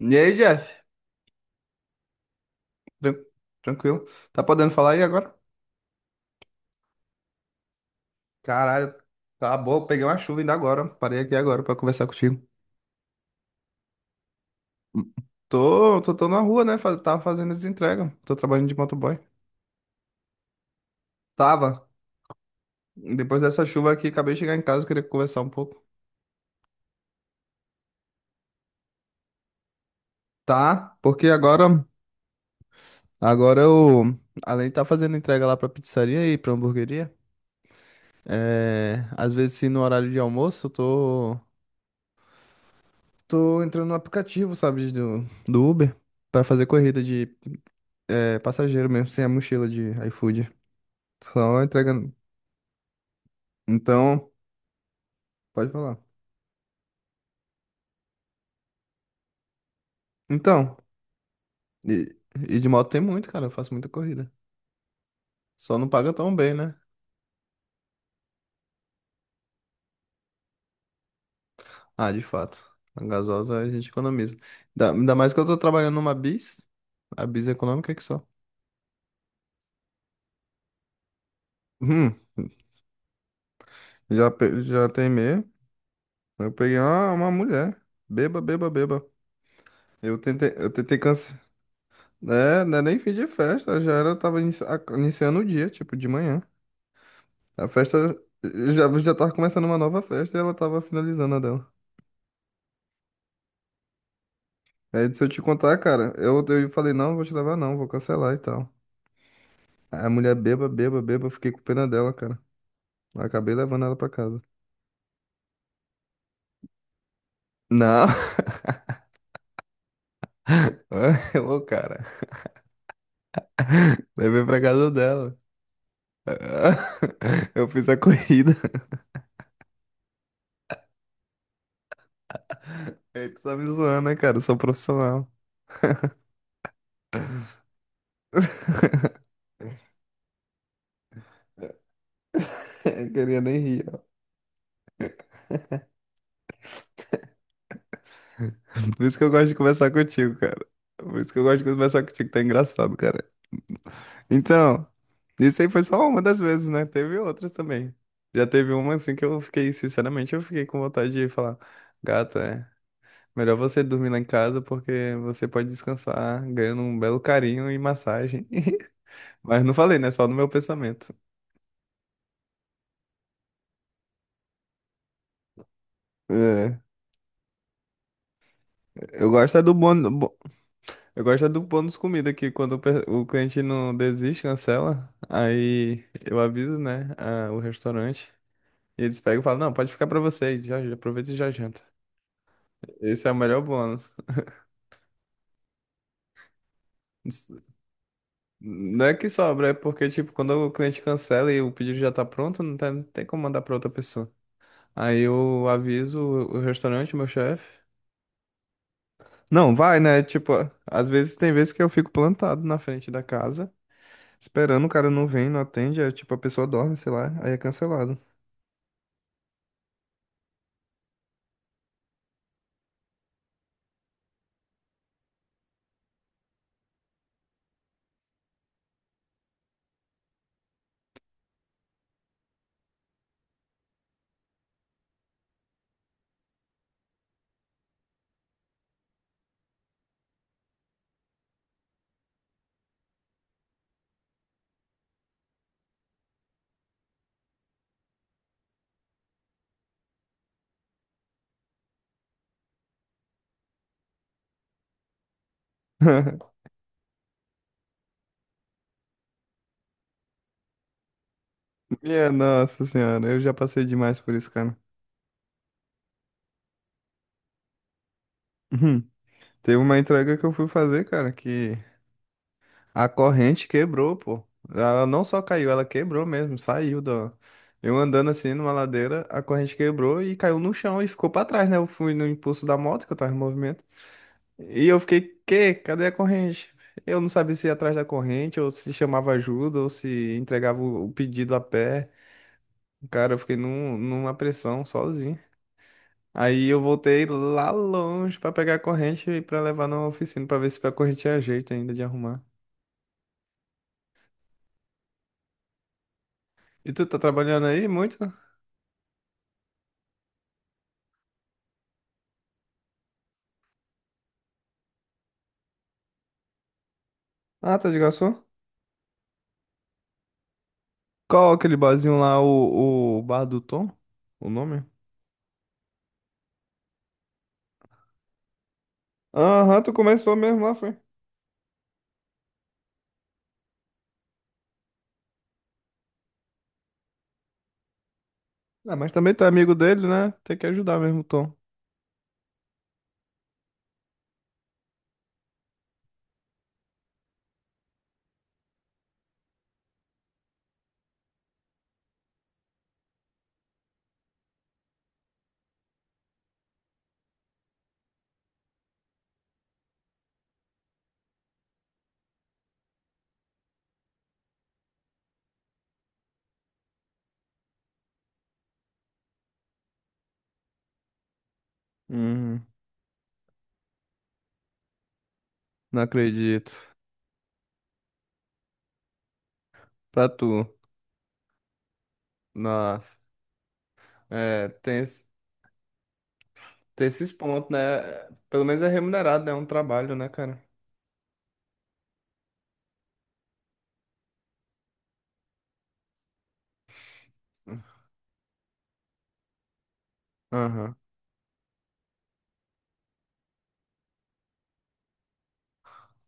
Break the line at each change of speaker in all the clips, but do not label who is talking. E aí, Jeff? Tran- Tranquilo. Tá podendo falar aí agora? Caralho, tá boa. Eu peguei uma chuva ainda agora. Parei aqui agora pra conversar contigo. Hum. Tô na rua, né? Tava fazendo as entregas. Tô trabalhando de motoboy. Tava. Depois dessa chuva aqui, acabei de chegar em casa, queria conversar um pouco. Tá, porque agora, além de estar fazendo entrega lá pra pizzaria e pra hamburgueria, é, às vezes, se no horário de almoço, eu tô entrando no aplicativo, sabe, do Uber, pra fazer corrida de É passageiro mesmo, sem a mochila de iFood. Só entregando. Então, pode falar. Então, e, e de moto tem muito, cara. Eu faço muita corrida. Só não paga tão bem, né? Ah, de fato. A gasosa a gente economiza. Ainda mais que eu tô trabalhando numa bis. A bis econômica que só. Hum, já, já teimei. Eu peguei uma mulher. Beba, beba, beba. Eu tentei cancelar. É, não é nem fim de festa. Já era, eu tava iniciando o dia, tipo, de manhã. A festa já tava começando uma nova festa e ela tava finalizando a dela. Aí se eu te contar, cara, eu falei, não, vou te levar não, vou cancelar e tal. Aí a mulher beba, beba, beba, eu fiquei com pena dela, cara. Eu acabei levando ela pra casa. Não, ô cara, levei pra casa dela. Eu fiz a corrida. Aí tu tá me zoando, né, cara? Eu sou profissional. Eu queria nem rir. Ó. Por isso que eu gosto de conversar contigo, cara. Por isso que eu gosto de conversar contigo, tá engraçado, cara. Então, isso aí foi só uma das vezes, né? Teve outras também. Já teve uma assim que eu fiquei, sinceramente, eu fiquei com vontade de falar, gata, é melhor você dormir lá em casa porque você pode descansar ganhando um belo carinho e massagem. Mas não falei, né? Só no meu pensamento. É, eu gosto é do bônus, eu gosto é do bônus comida que quando o o cliente não desiste, cancela, aí eu aviso, né, o restaurante e eles pegam e falam, não, pode ficar pra vocês, já, já aproveita e já janta. Esse é o melhor bônus. Não é que sobra, é porque, tipo, quando o cliente cancela e o pedido já tá pronto, não tem como mandar pra outra pessoa. Aí eu aviso o restaurante, meu chefe. Não, vai, né? Tipo, às vezes tem vezes que eu fico plantado na frente da casa, esperando, o cara não vem, não atende, aí, tipo, a pessoa dorme, sei lá, aí é cancelado. Minha nossa senhora, eu já passei demais por isso, cara. Uhum. Teve uma entrega que eu fui fazer, cara, que a corrente quebrou, pô. Ela não só caiu, ela quebrou mesmo, saiu da. Eu andando assim numa ladeira, a corrente quebrou e caiu no chão e ficou pra trás, né? Eu fui no impulso da moto que eu tava em movimento. E eu fiquei, quê? Cadê a corrente? Eu não sabia se ia atrás da corrente, ou se chamava ajuda, ou se entregava o pedido a pé. Cara, eu fiquei numa pressão sozinho. Aí eu voltei lá longe pra pegar a corrente e pra levar na oficina pra ver se a corrente tinha jeito ainda de arrumar. E tu tá trabalhando aí muito? Ah, tá de garçom? Qual aquele barzinho lá, o Bar do Tom? O nome? Aham, tu começou mesmo lá, foi. Ah, mas também tu é amigo dele, né? Tem que ajudar mesmo, Tom. Hum, não acredito. Pra tu. Nossa. É, tem, tem esses pontos, né? Pelo menos é remunerado, né? É um trabalho, né, cara? Aham.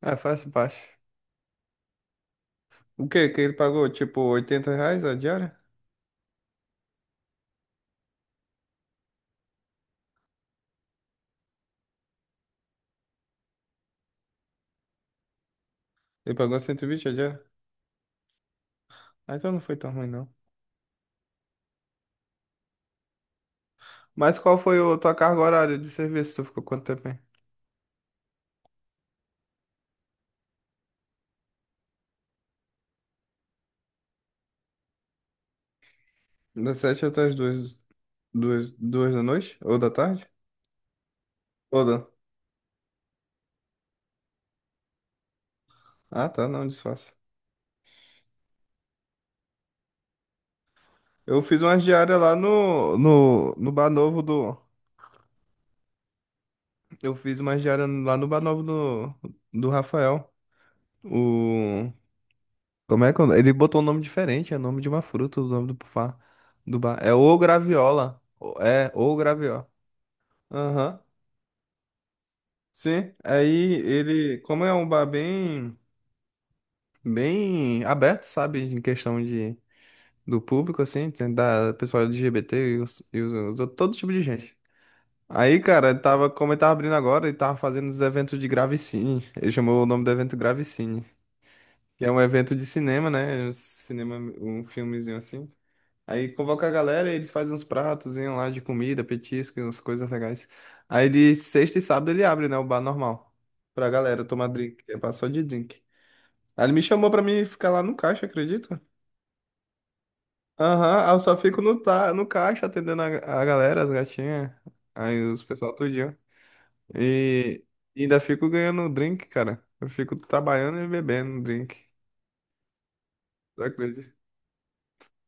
É, faz parte. O quê? Que ele pagou, tipo, R$ 80 a diária? Ele pagou 120 a diária? Ah, então não foi tão ruim, não. Mas qual foi a tua carga horária de serviço? Tu ficou quanto tempo aí? Das sete até as duas, duas da noite? Ou da tarde? Ou da... Ah, tá, não, disfarça. Eu fiz umas diárias lá no Bar Novo do... Eu fiz umas diárias lá no Bar Novo do Rafael. O... Como é que... é o nome? Ele botou um nome diferente, é o nome de uma fruta, o nome do, do bar. É o Graviola. É, o Graviola. Aham. Sim, aí ele, como é um bar bem, bem aberto, sabe, em questão de do público, assim, tem da pessoal LGBT e os outros- todo tipo de gente. Aí, cara, ele tava, como ele tava abrindo agora, ele tava fazendo os eventos de Gravicine. Ele chamou o nome do evento Gravicine, que é um evento de cinema, né? Um cinema, um filmezinho assim. Aí convoca a galera e eles fazem uns pratos lá de comida, petisco, umas coisas legais. Aí de sexta e sábado ele abre, né? O bar normal. Pra galera tomar drink. É bar só de drink. Aí ele me chamou pra mim ficar lá no caixa, acredito? Aham, eu só fico no, no caixa atendendo a galera, as gatinhas, aí os pessoal tudinho. E, e ainda fico ganhando drink, cara. Eu fico trabalhando e bebendo drink. Só acredito.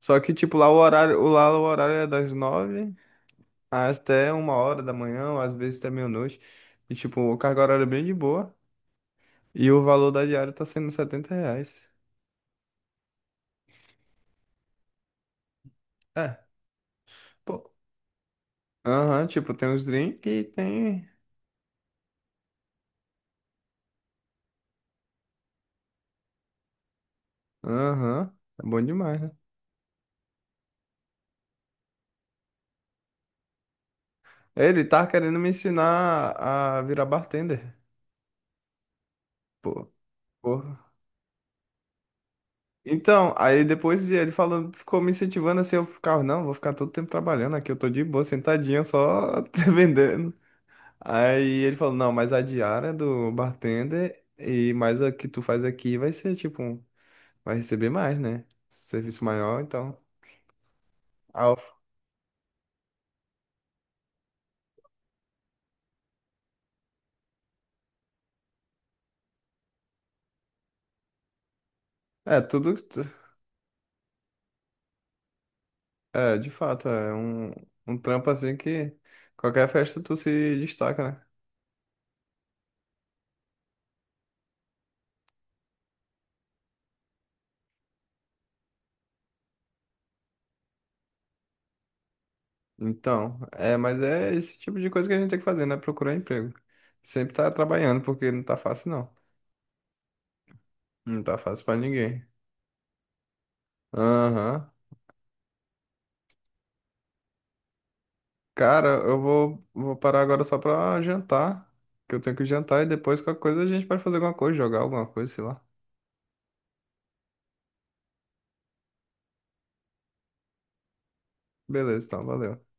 Só que, tipo, lá o horário, lá o horário é das nove até uma hora da manhã, ou às vezes até meia-noite. E, tipo, o carga horária é bem de boa. E o valor da diária tá sendo R$ 70. É, pô. Aham, tipo, tem os drinks e tem. Aham, é bom demais, né? Ele tá querendo me ensinar a virar bartender. Pô, porra. Então, aí depois de ele falando, ficou me incentivando assim, eu ficava, não, vou ficar todo tempo trabalhando aqui, eu tô de boa, sentadinho, só vendendo. Aí ele falou, não, mas a diária do bartender e mais a que tu faz aqui vai ser tipo, vai receber mais, né? Serviço maior, então. Ah, eu- É, tudo, é, de fato, é um, um trampo assim que qualquer festa tu se destaca, né? Então, é, mas é esse tipo de coisa que a gente tem que fazer, né? Procurar emprego. Sempre tá trabalhando, porque não tá fácil, não. Não tá fácil pra ninguém. Aham. Cara, vou parar agora só pra jantar, que eu tenho que jantar e depois qualquer coisa a gente pode fazer alguma coisa, jogar alguma coisa, sei lá. Beleza, então, valeu.